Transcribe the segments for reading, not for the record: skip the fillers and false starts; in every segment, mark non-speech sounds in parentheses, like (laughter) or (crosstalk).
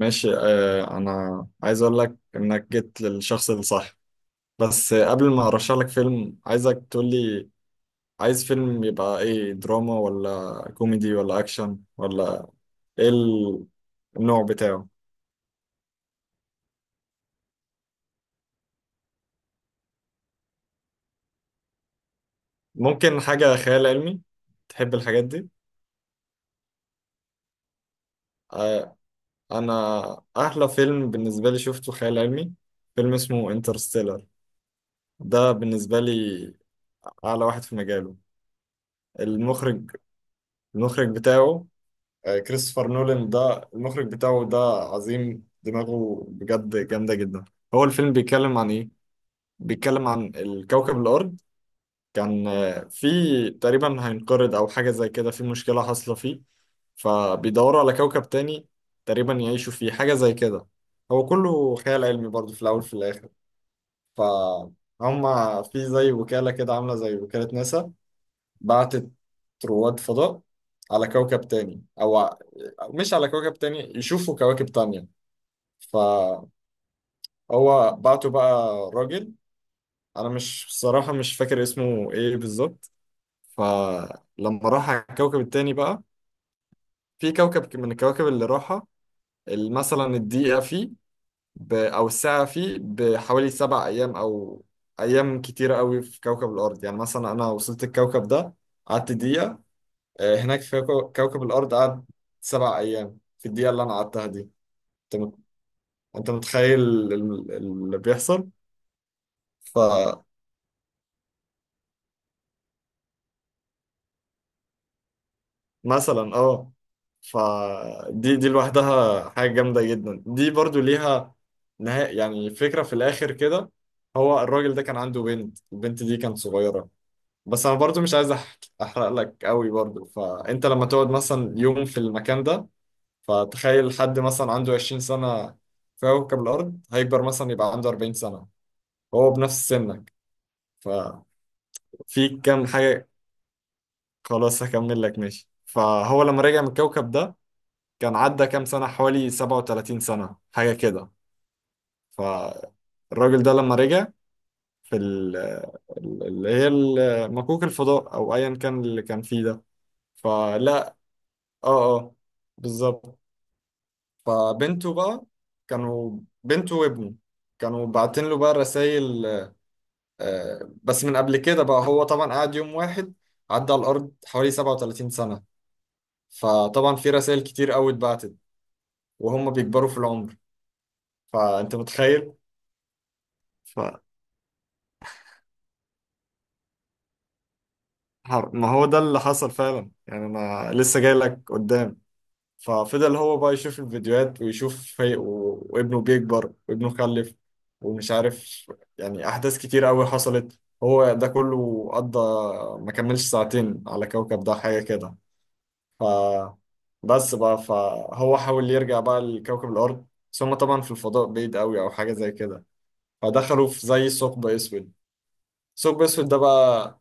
ماشي، آه، انا عايز اقول لك انك جيت للشخص الصح. بس قبل ما ارشح لك فيلم عايزك تقول لي، عايز فيلم يبقى ايه، دراما ولا كوميدي ولا اكشن ولا ايه النوع بتاعه؟ ممكن حاجة خيال علمي، تحب الحاجات دي؟ آه. انا احلى فيلم بالنسبة لي شفته خيال علمي، فيلم اسمه انترستيلر. ده بالنسبة لي اعلى واحد في مجاله. المخرج المخرج بتاعه كريستوفر نولان، ده المخرج بتاعه ده. عظيم، دماغه بجد جامدة جدا. هو الفيلم بيتكلم عن ايه؟ بيتكلم عن الكوكب الأرض، كان في تقريبا هينقرض أو حاجة زي كده، في مشكلة حاصلة فيه. فبيدوروا على كوكب تاني تقريبا يعيشوا فيه، حاجة زي كده. هو كله خيال علمي برضه في الأول في الآخر. فهم في زي وكالة كده عاملة زي وكالة ناسا، بعتت رواد فضاء على كوكب تاني أو مش على كوكب تاني، يشوفوا كواكب تانية. فهو بعته بقى، راجل، أنا مش بصراحة مش فاكر اسمه إيه بالظبط. فلما راح على الكوكب التاني بقى، في كوكب من الكواكب اللي راحة، مثلا الدقيقة فيه أو الساعة فيه بحوالي 7 أيام، أو أيام كتيرة قوي في كوكب الأرض. يعني مثلا أنا وصلت الكوكب ده، قعدت دقيقة، هناك في كوكب الأرض قعد 7 أيام في الدقيقة اللي أنا قعدتها دي. أنت مت- أنت متخيل اللي بيحصل؟ فمثلا، أه، فدي لوحدها حاجة جامدة جدا. دي برضو ليها نهاية يعني، فكرة في الآخر كده. هو الراجل ده كان عنده بنت، البنت دي كانت صغيرة، بس أنا برضو مش عايز أحرق لك قوي برضو. فأنت لما تقعد مثلا يوم في المكان ده، فتخيل حد مثلا عنده 20 سنة في كوكب الأرض هيكبر مثلا يبقى عنده 40 سنة وهو بنفس سنك. ففي كام حاجة، خلاص هكمل لك ماشي. فهو لما رجع من الكوكب ده، كان عدى كام سنة، حوالي 37 سنة حاجة كده. فالراجل ده لما رجع في اللي هي مكوك الفضاء أو أيا كان اللي كان فيه ده. فلا اه اه، بالظبط. فبنته بقى، كانوا بنته وابنه كانوا باعتين له بقى رسائل. بس من قبل كده بقى، هو طبعا قعد يوم واحد، عدى على الأرض حوالي 37 سنة. فطبعا في رسائل كتير قوي اتبعتت وهم بيكبروا في العمر. فأنت متخيل؟ ف... ما هو ده اللي حصل فعلا يعني، أنا لسه جاي لك قدام. ففضل هو بقى يشوف الفيديوهات ويشوف وابنه بيكبر وابنه خلف ومش عارف، يعني أحداث كتير قوي حصلت. هو ده كله قضى، ما كملش ساعتين على كوكب ده حاجة كده. ف بس بقى، فهو حاول يرجع بقى لكوكب الأرض، بس هما طبعا في الفضاء بعيد قوي أو حاجة زي كده، فدخلوا في زي ثقب أسود. ثقب أسود ده بقى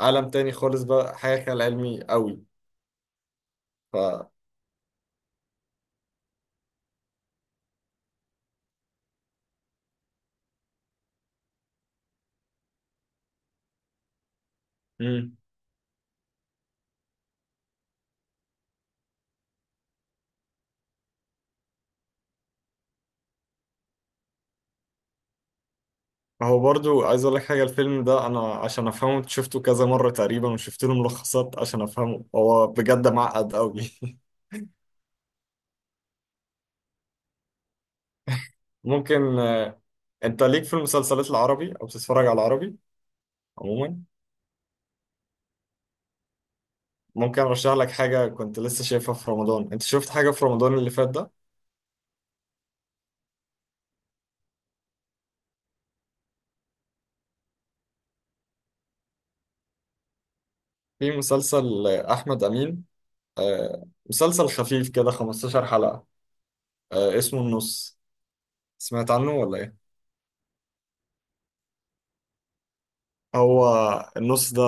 عالم تاني خالص بقى، حاجة خيال علمي قوي. ف مم. فهو برضو عايز أقول لك حاجة، الفيلم ده أنا عشان أفهمه شفته كذا مرة تقريبا وشفت له ملخصات عشان أفهمه، هو بجد معقد قوي (laughs) ممكن أنت ليك في المسلسلات العربي أو بتتفرج على العربي عموما، ممكن ارشح لك حاجه كنت لسه شايفها في رمضان. انت شفت حاجه في رمضان اللي فات ده؟ في مسلسل احمد امين، مسلسل خفيف كده 15 حلقه، اسمه النص. سمعت عنه ولا ايه؟ هو النص ده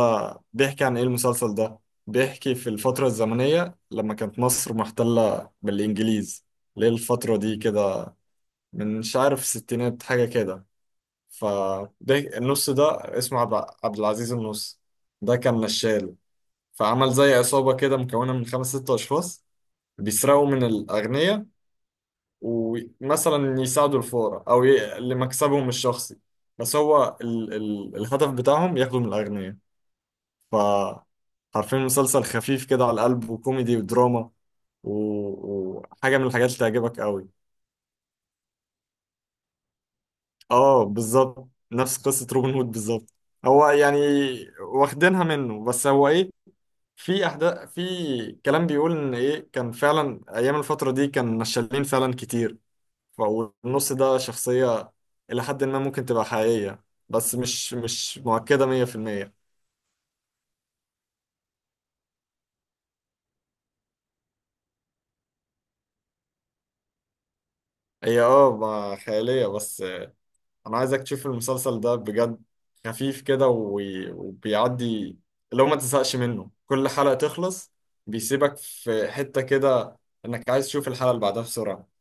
بيحكي عن ايه المسلسل ده؟ بيحكي في الفتره الزمنيه لما كانت مصر محتله بالانجليز، ليه الفتره دي كده، من مش عارف الستينات حاجه كده. فده النص ده اسمه عبد العزيز النص، ده كان نشال. فعمل زي عصابة كده مكونة من خمس ست أشخاص، بيسرقوا من الأغنياء ومثلا يساعدوا الفقراء أو لمكسبهم الشخصي. بس هو الهدف بتاعهم ياخدوا من الأغنياء. ف عارفين مسلسل خفيف كده على القلب، وكوميدي ودراما و... وحاجة من الحاجات اللي تعجبك قوي. اه، بالظبط نفس قصة روبن هود بالظبط، هو يعني واخدينها منه. بس هو ايه، في احداث في كلام بيقول ان ايه، كان فعلا ايام الفتره دي كان نشالين فعلا كتير. فالنص ده شخصيه الى حد ما ممكن تبقى حقيقيه، بس مش مؤكده 100%. هي اه، ما خياليه. بس انا عايزك تشوف المسلسل ده بجد، خفيف كده وبيعدي، لو ما تزهقش منه، كل حلقه تخلص بيسيبك في حته كده انك عايز تشوف الحلقه اللي بعدها بسرعه.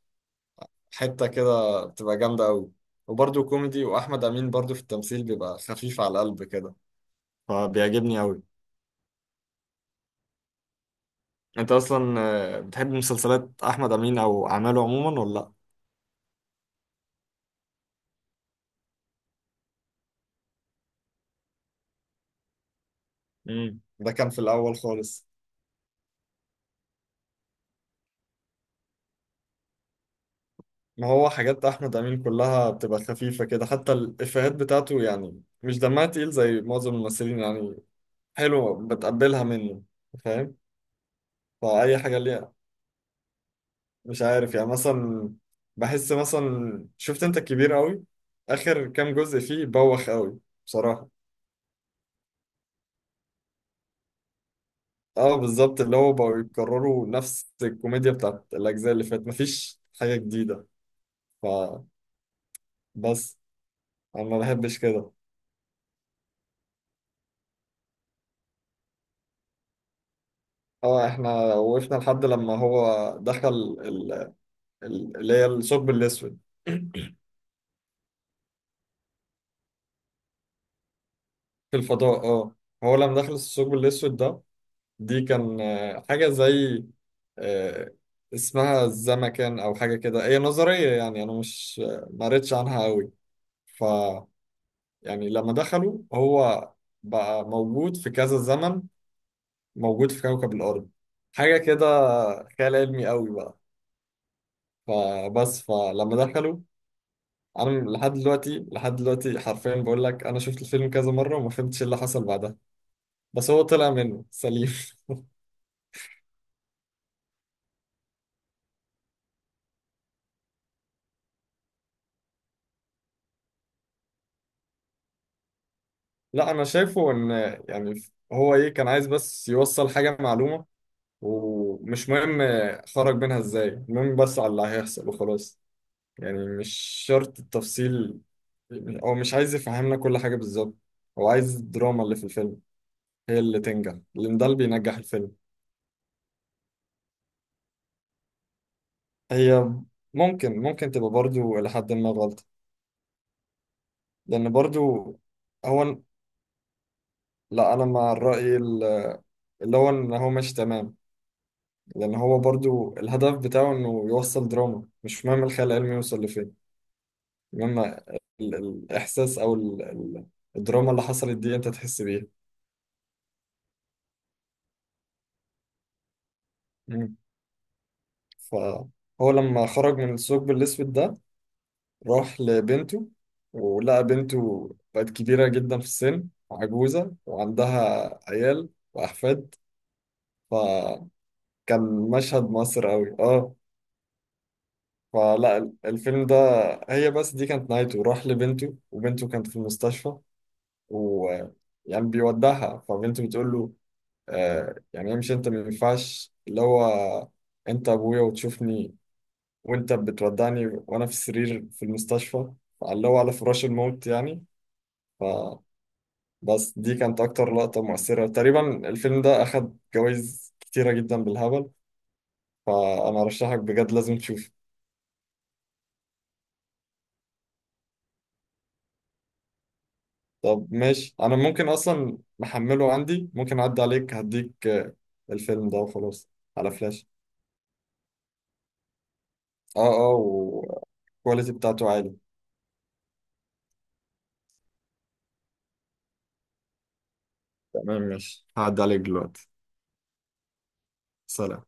حتة كده بتبقى جامدة أوي، وبرضه كوميدي، وأحمد أمين برضه في التمثيل بيبقى خفيف على القلب كده، فبيعجبني أوي. أنت أصلا بتحب مسلسلات أحمد أمين أو أعماله عموما ولا لأ؟ مم. ده كان في الأول خالص. ما هو حاجات أحمد أمين كلها بتبقى خفيفة كده، حتى الإفيهات بتاعته يعني مش دمها تقيل زي معظم الممثلين يعني، حلوة بتقبلها منه، فاهم؟ فأي حاجة ليه، مش عارف يعني. مثلا بحس مثلا شفت انت الكبير قوي، اخر كام جزء فيه بوخ قوي بصراحة. اه بالظبط، اللي هو بقوا يكرروا نفس الكوميديا بتاعت الاجزاء اللي فاتت، مفيش حاجة جديدة. فبس، انا ما بحبش كده. اه. احنا وقفنا لحد لما هو دخل ال- اللي هي الثقب الاسود في الفضاء، اه. هو لما دخل الثقب الاسود ده، دي كان حاجة زي آه، اسمها الزمكان أو حاجة كده، هي نظرية يعني. أنا مش ما قريتش عنها أوي. ف يعني لما دخلوا، هو بقى موجود في كذا زمن، موجود في كوكب الأرض، حاجة كده، خيال علمي أوي بقى. فبس، فلما دخلوا، أنا لحد دلوقتي حرفيا بقول لك، أنا شفت الفيلم كذا مرة وما فهمتش إيه اللي حصل بعدها، بس هو طلع منه سليم (laughs) لا، انا شايفه ان يعني، هو ايه، كان عايز بس يوصل حاجه معلومه، ومش مهم خرج منها ازاي، المهم بس على اللي هيحصل وخلاص. يعني مش شرط التفصيل، يعني هو مش عايز يفهمنا كل حاجه بالظبط، هو عايز الدراما اللي في الفيلم هي اللي تنجح، لان ده اللي بينجح الفيلم. هي ممكن تبقى برضو لحد ما غلط، لان برضو هو، لا، انا مع الراي اللي هو ان هو مش تمام. لأن هو برضو الهدف بتاعه إنه يوصل دراما، مش مهم الخيال العلمي يوصل لفين، المهم الإحساس أو الدراما اللي حصلت دي أنت تحس بيها. مم. فهو لما خرج من الثقب الأسود ده، راح لبنته، ولقى بنته بقت كبيرة جدا في السن، عجوزة وعندها عيال وأحفاد. فكان مشهد مصر قوي، اه. الفيلم ده، هي بس دي كانت نهايته، راح لبنته وبنته كانت في المستشفى و يعني بيودعها. فبنت بتقول له آه يعني امشي انت، ما ينفعش اللي هو انت ابويا وتشوفني وانت بتودعني وانا في السرير في المستشفى، اللي هو على فراش الموت يعني. فبس، دي كانت اكتر لقطة مؤثرة تقريبا. الفيلم ده اخد جوائز كتيرة جدا بالهبل، فانا ارشحك بجد لازم تشوفه. طب ماشي، انا ممكن اصلا محمله عندي، ممكن اعدي عليك هديك الفيلم ده وخلاص على فلاش. اه، اه، والكواليتي بتاعته عالي. تمام ماشي، هعدي عليك دلوقتي. سلام.